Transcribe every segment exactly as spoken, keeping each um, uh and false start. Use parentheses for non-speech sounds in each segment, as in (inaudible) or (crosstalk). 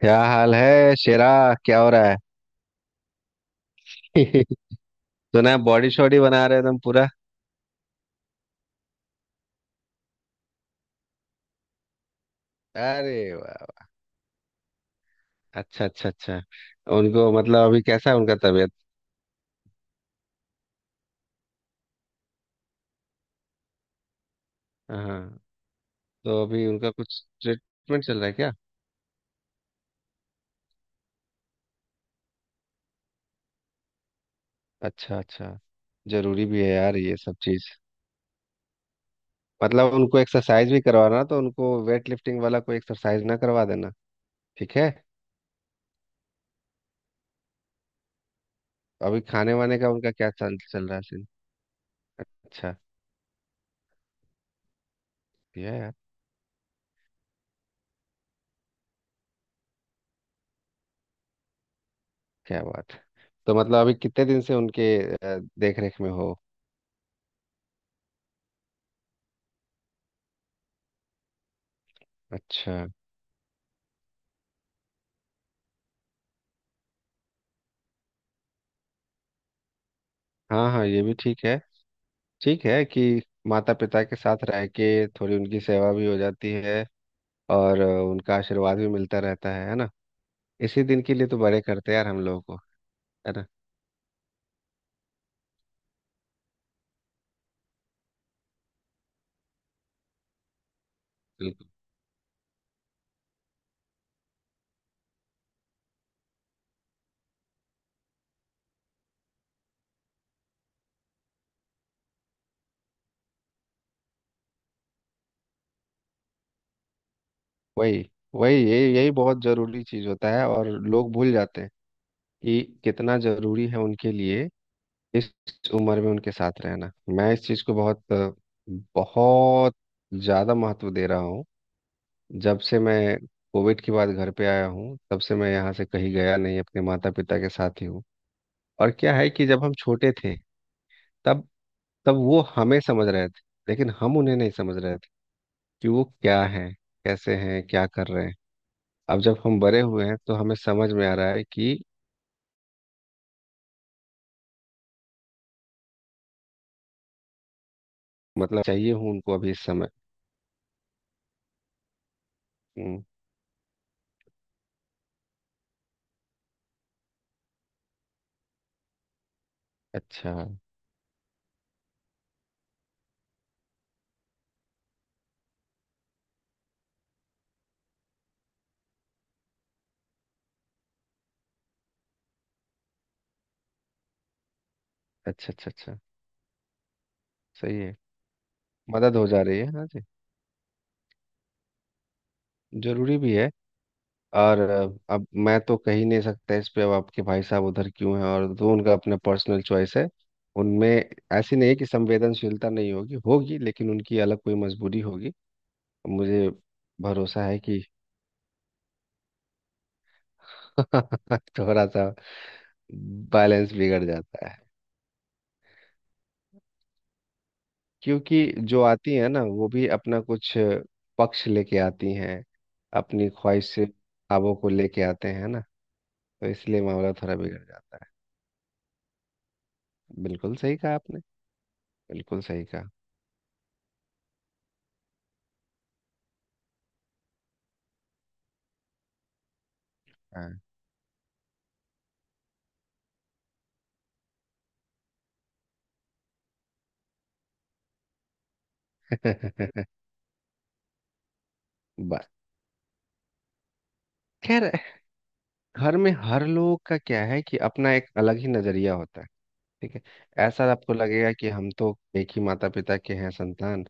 क्या हाल है शेरा? क्या हो रहा है? (laughs) सुना है बॉडी शॉडी बना रहे हो तुम पूरा। अरे वाह। अच्छा अच्छा अच्छा उनको मतलब अभी कैसा है उनका तबीयत? हाँ। तो अभी उनका कुछ ट्रीटमेंट चल रहा है क्या? अच्छा अच्छा जरूरी भी है यार ये सब चीज। मतलब उनको एक्सरसाइज भी करवाना तो उनको वेट लिफ्टिंग वाला कोई एक्सरसाइज ना करवा देना। ठीक है। अभी खाने वाने का उनका क्या चल चल रहा है सीन? अच्छा। ये यार, क्या बात है। तो मतलब अभी कितने दिन से उनके देख रेख में हो? अच्छा। हाँ हाँ, ये भी ठीक है। ठीक है कि माता पिता के साथ रह के थोड़ी उनकी सेवा भी हो जाती है, और अ, उनका आशीर्वाद भी मिलता रहता है है ना। इसी दिन के लिए तो बड़े करते हैं यार हम लोगों को, है ना। बिल्कुल। वही वही यही यही बहुत जरूरी चीज होता है और लोग भूल जाते हैं कि कितना जरूरी है उनके लिए इस उम्र में उनके साथ रहना। मैं इस चीज को बहुत अ, बहुत ज्यादा महत्व दे रहा हूँ। जब से मैं कोविड के बाद घर पे आया हूँ तब से मैं यहाँ से कहीं गया नहीं, अपने माता पिता के साथ ही हूँ। और क्या है कि जब हम छोटे थे तब तब वो हमें समझ रहे थे, लेकिन हम उन्हें नहीं समझ रहे थे कि वो क्या है, कैसे हैं, क्या कर रहे हैं। अब जब हम बड़े हुए हैं तो हमें समझ में आ रहा है कि मतलब चाहिए हूँ उनको अभी इस समय। हम्म। अच्छा अच्छा अच्छा अच्छा सही है। मदद हो जा रही है, हाँ जी। जरूरी भी है। और अ, अब मैं तो कह ही नहीं सकता इस पे। अब आपके भाई साहब उधर क्यों हैं और जो उनका अपना पर्सनल चॉइस है उनमें, ऐसी नहीं है कि संवेदनशीलता नहीं होगी, होगी, लेकिन उनकी अलग कोई मजबूरी होगी। मुझे भरोसा है कि (laughs) थोड़ा सा बैलेंस बिगड़ जाता है, क्योंकि जो आती है ना वो भी अपना कुछ पक्ष लेके आती हैं, अपनी ख्वाहिश से ख्वाबों को लेके आते हैं ना, तो इसलिए मामला थोड़ा बिगड़ जाता है। बिल्कुल सही कहा आपने, बिल्कुल सही कहा। हाँ। (laughs) बस, खैर। घर में हर लोग का क्या है कि अपना एक अलग ही नजरिया होता है। ठीक है। ऐसा आपको लगेगा कि हम तो एक ही माता पिता के हैं संतान,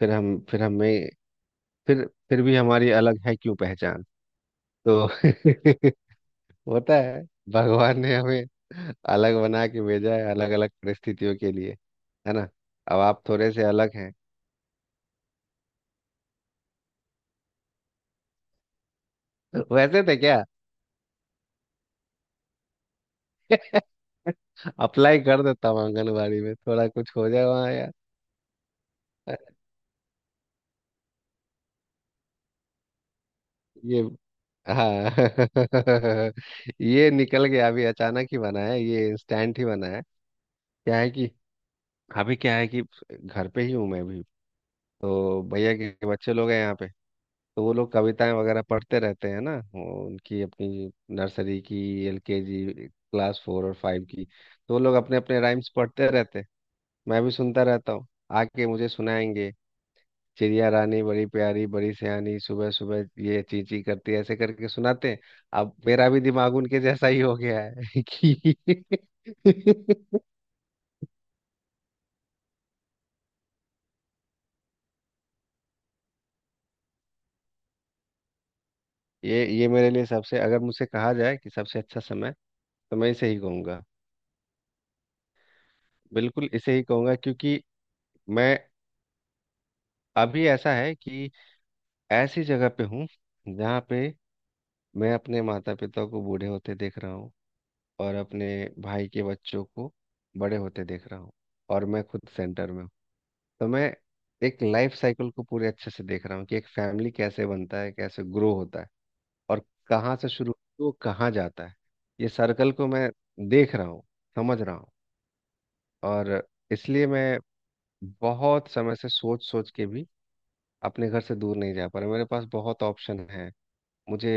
फिर हम फिर हमें फिर फिर भी हमारी अलग है क्यों पहचान। तो (laughs) होता है। भगवान ने हमें अलग बना के भेजा है, अलग अलग परिस्थितियों के लिए, है ना। अब आप थोड़े से अलग हैं। (laughs) वैसे थे क्या? (laughs) अप्लाई कर देता हूँ आंगनबाड़ी में, थोड़ा कुछ हो जाए वहाँ यार। ये, हाँ (laughs) ये निकल गया अभी, अचानक ही बना है ये, इंस्टेंट ही बना है। क्या है कि अभी क्या है कि घर पे ही हूँ मैं भी, तो भैया के के बच्चे लोग हैं यहाँ पे। तो वो लोग कविताएं वगैरह पढ़ते रहते हैं ना, वो उनकी अपनी नर्सरी की, एल के जी, क्लास फोर और फाइव की। तो वो लोग अपने अपने राइम्स पढ़ते रहते हैं, मैं भी सुनता रहता हूँ। आके मुझे सुनाएंगे, चिड़िया रानी बड़ी प्यारी बड़ी सयानी सुबह सुबह ये ची ची करती है, ऐसे करके सुनाते हैं। अब मेरा भी दिमाग उनके जैसा ही हो गया है। (laughs) कि ये ये मेरे लिए सबसे, अगर मुझसे कहा जाए कि सबसे अच्छा समय, तो मैं इसे ही कहूंगा, बिल्कुल इसे ही कहूंगा। क्योंकि मैं अभी ऐसा है कि ऐसी जगह पे हूँ जहाँ पे मैं अपने माता पिता को बूढ़े होते देख रहा हूँ, और अपने भाई के बच्चों को बड़े होते देख रहा हूँ, और मैं खुद सेंटर में हूँ। तो मैं एक लाइफ साइकिल को पूरे अच्छे से देख रहा हूँ कि एक फैमिली कैसे बनता है, कैसे ग्रो होता है, और कहाँ से शुरू होती है, वो कहाँ जाता है। ये सर्कल को मैं देख रहा हूँ, समझ रहा हूँ। और इसलिए मैं बहुत समय से सोच सोच के भी अपने घर से दूर नहीं जा पा रहा। मेरे पास बहुत ऑप्शन है, मुझे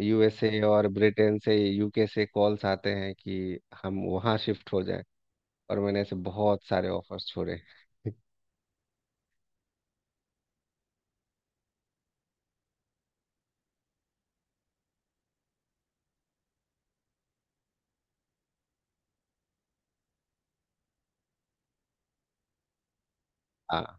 यूएसए और ब्रिटेन से, यूके से कॉल्स आते हैं कि हम वहाँ शिफ्ट हो जाएं, और मैंने ऐसे बहुत सारे ऑफर्स छोड़े। (laughs) हाँ,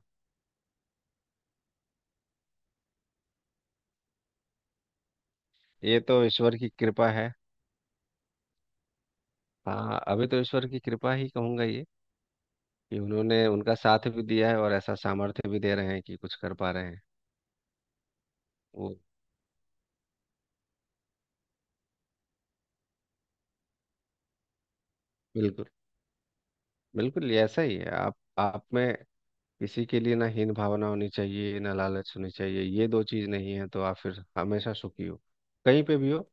ये तो ईश्वर की कृपा है। हाँ, अभी तो ईश्वर की कृपा ही कहूंगा ये, कि उन्होंने उनका साथ भी दिया है और ऐसा सामर्थ्य भी दे रहे हैं कि कुछ कर पा रहे हैं वो। बिल्कुल, बिल्कुल। ये ऐसा ही है, आप आप में किसी के लिए ना हीन भावना होनी चाहिए, ना लालच होनी चाहिए। ये दो चीज नहीं है तो आप फिर हमेशा सुखी हो, कहीं पे भी हो,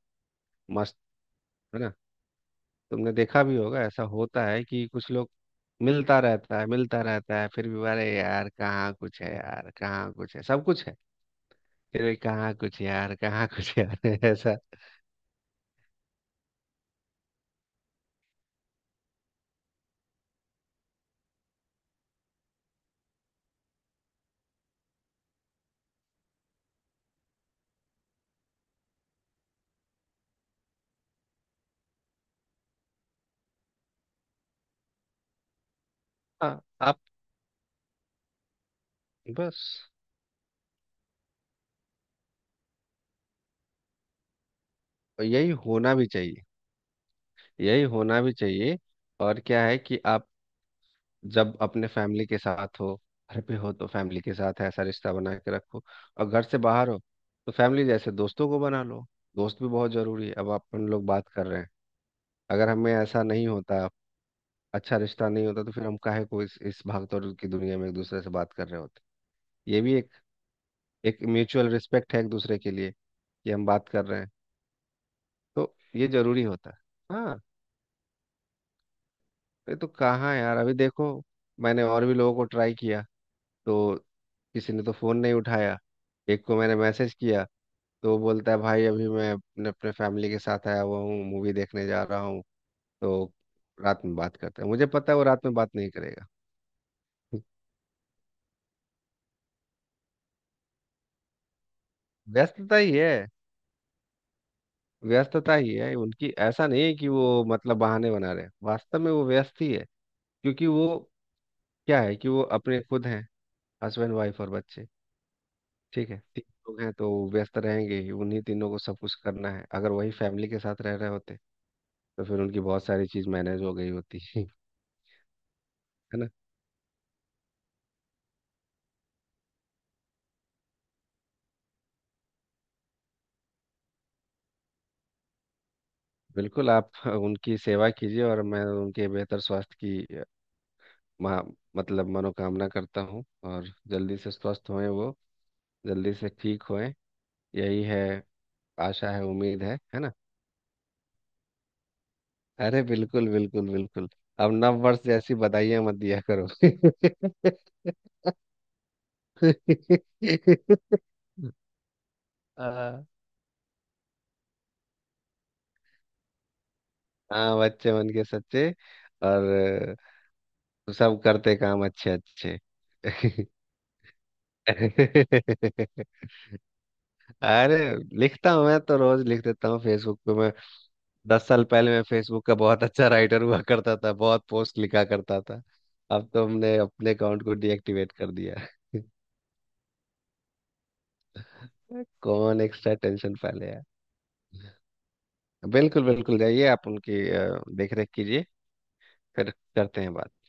मस्त। है ना। तुमने देखा भी होगा ऐसा होता है कि कुछ लोग, मिलता रहता है, मिलता रहता है, फिर भी अरे यार कहाँ कुछ है यार, कहाँ कुछ है, सब कुछ है, फिर भी कहाँ कुछ यार, कहाँ कुछ यार, (laughs) ऐसा। हाँ, आप, बस यही होना भी चाहिए, यही होना भी चाहिए। और क्या है कि आप जब अपने फैमिली के साथ हो, घर पे हो, तो फैमिली के साथ ऐसा रिश्ता बना के रखो, और घर से बाहर हो तो फैमिली जैसे दोस्तों को बना लो। दोस्त भी बहुत जरूरी है। अब अपन लोग बात कर रहे हैं, अगर हमें ऐसा नहीं होता, अच्छा रिश्ता नहीं होता, तो फिर हम काहे को इस इस भागदौड़ की दुनिया में एक दूसरे से बात कर रहे होते। ये भी एक, एक म्यूचुअल रिस्पेक्ट है एक दूसरे के लिए, कि हम बात कर रहे हैं। तो ये जरूरी होता है। हाँ, ये तो कहाँ यार। अभी देखो, मैंने और भी लोगों को ट्राई किया, तो किसी ने तो फोन नहीं उठाया। एक को मैंने मैसेज किया, तो वो बोलता है भाई अभी मैं अपने अपने फैमिली के साथ आया हुआ हूँ, मूवी देखने जा रहा हूँ, तो रात में बात करता है। मुझे पता है वो रात में बात नहीं करेगा। व्यस्तता ही है, व्यस्तता ही है उनकी। ऐसा नहीं है कि वो मतलब बहाने बना रहे हैं। वास्तव में वो व्यस्त ही है, क्योंकि वो क्या है कि वो अपने खुद हैं, हस्बैंड वाइफ और बच्चे, ठीक है, तीन लोग हैं, तो व्यस्त रहेंगे ही। उन्हीं तीनों को सब कुछ करना है। अगर वही फैमिली के साथ रह रहे होते तो फिर उनकी बहुत सारी चीज़ मैनेज हो गई होती। (laughs) है ना। बिल्कुल, आप उनकी सेवा कीजिए, और मैं उनके बेहतर स्वास्थ्य की अ, मा, मतलब मनोकामना करता हूँ। और जल्दी से स्वस्थ होएं वो, जल्दी से ठीक होएं। यही है। आशा है, उम्मीद है है ना। अरे बिल्कुल बिल्कुल बिल्कुल। अब नव वर्ष जैसी बधाइयां मत दिया करो। (laughs) आ, हाँ, बच्चे मन के सच्चे, और सब करते काम अच्छे अच्छे। (laughs) अरे, लिखता हूँ मैं तो, रोज लिख देता हूँ फेसबुक पे मैं। दस साल पहले मैं फेसबुक का बहुत अच्छा राइटर हुआ करता था, बहुत पोस्ट लिखा करता था। अब तो हमने अपने अकाउंट को डीएक्टिवेट कर दिया। (laughs) कौन एक्स्ट्रा टेंशन पहले यार। बिल्कुल बिल्कुल, जाइए आप उनकी देख रेख कीजिए। फिर करते हैं बात।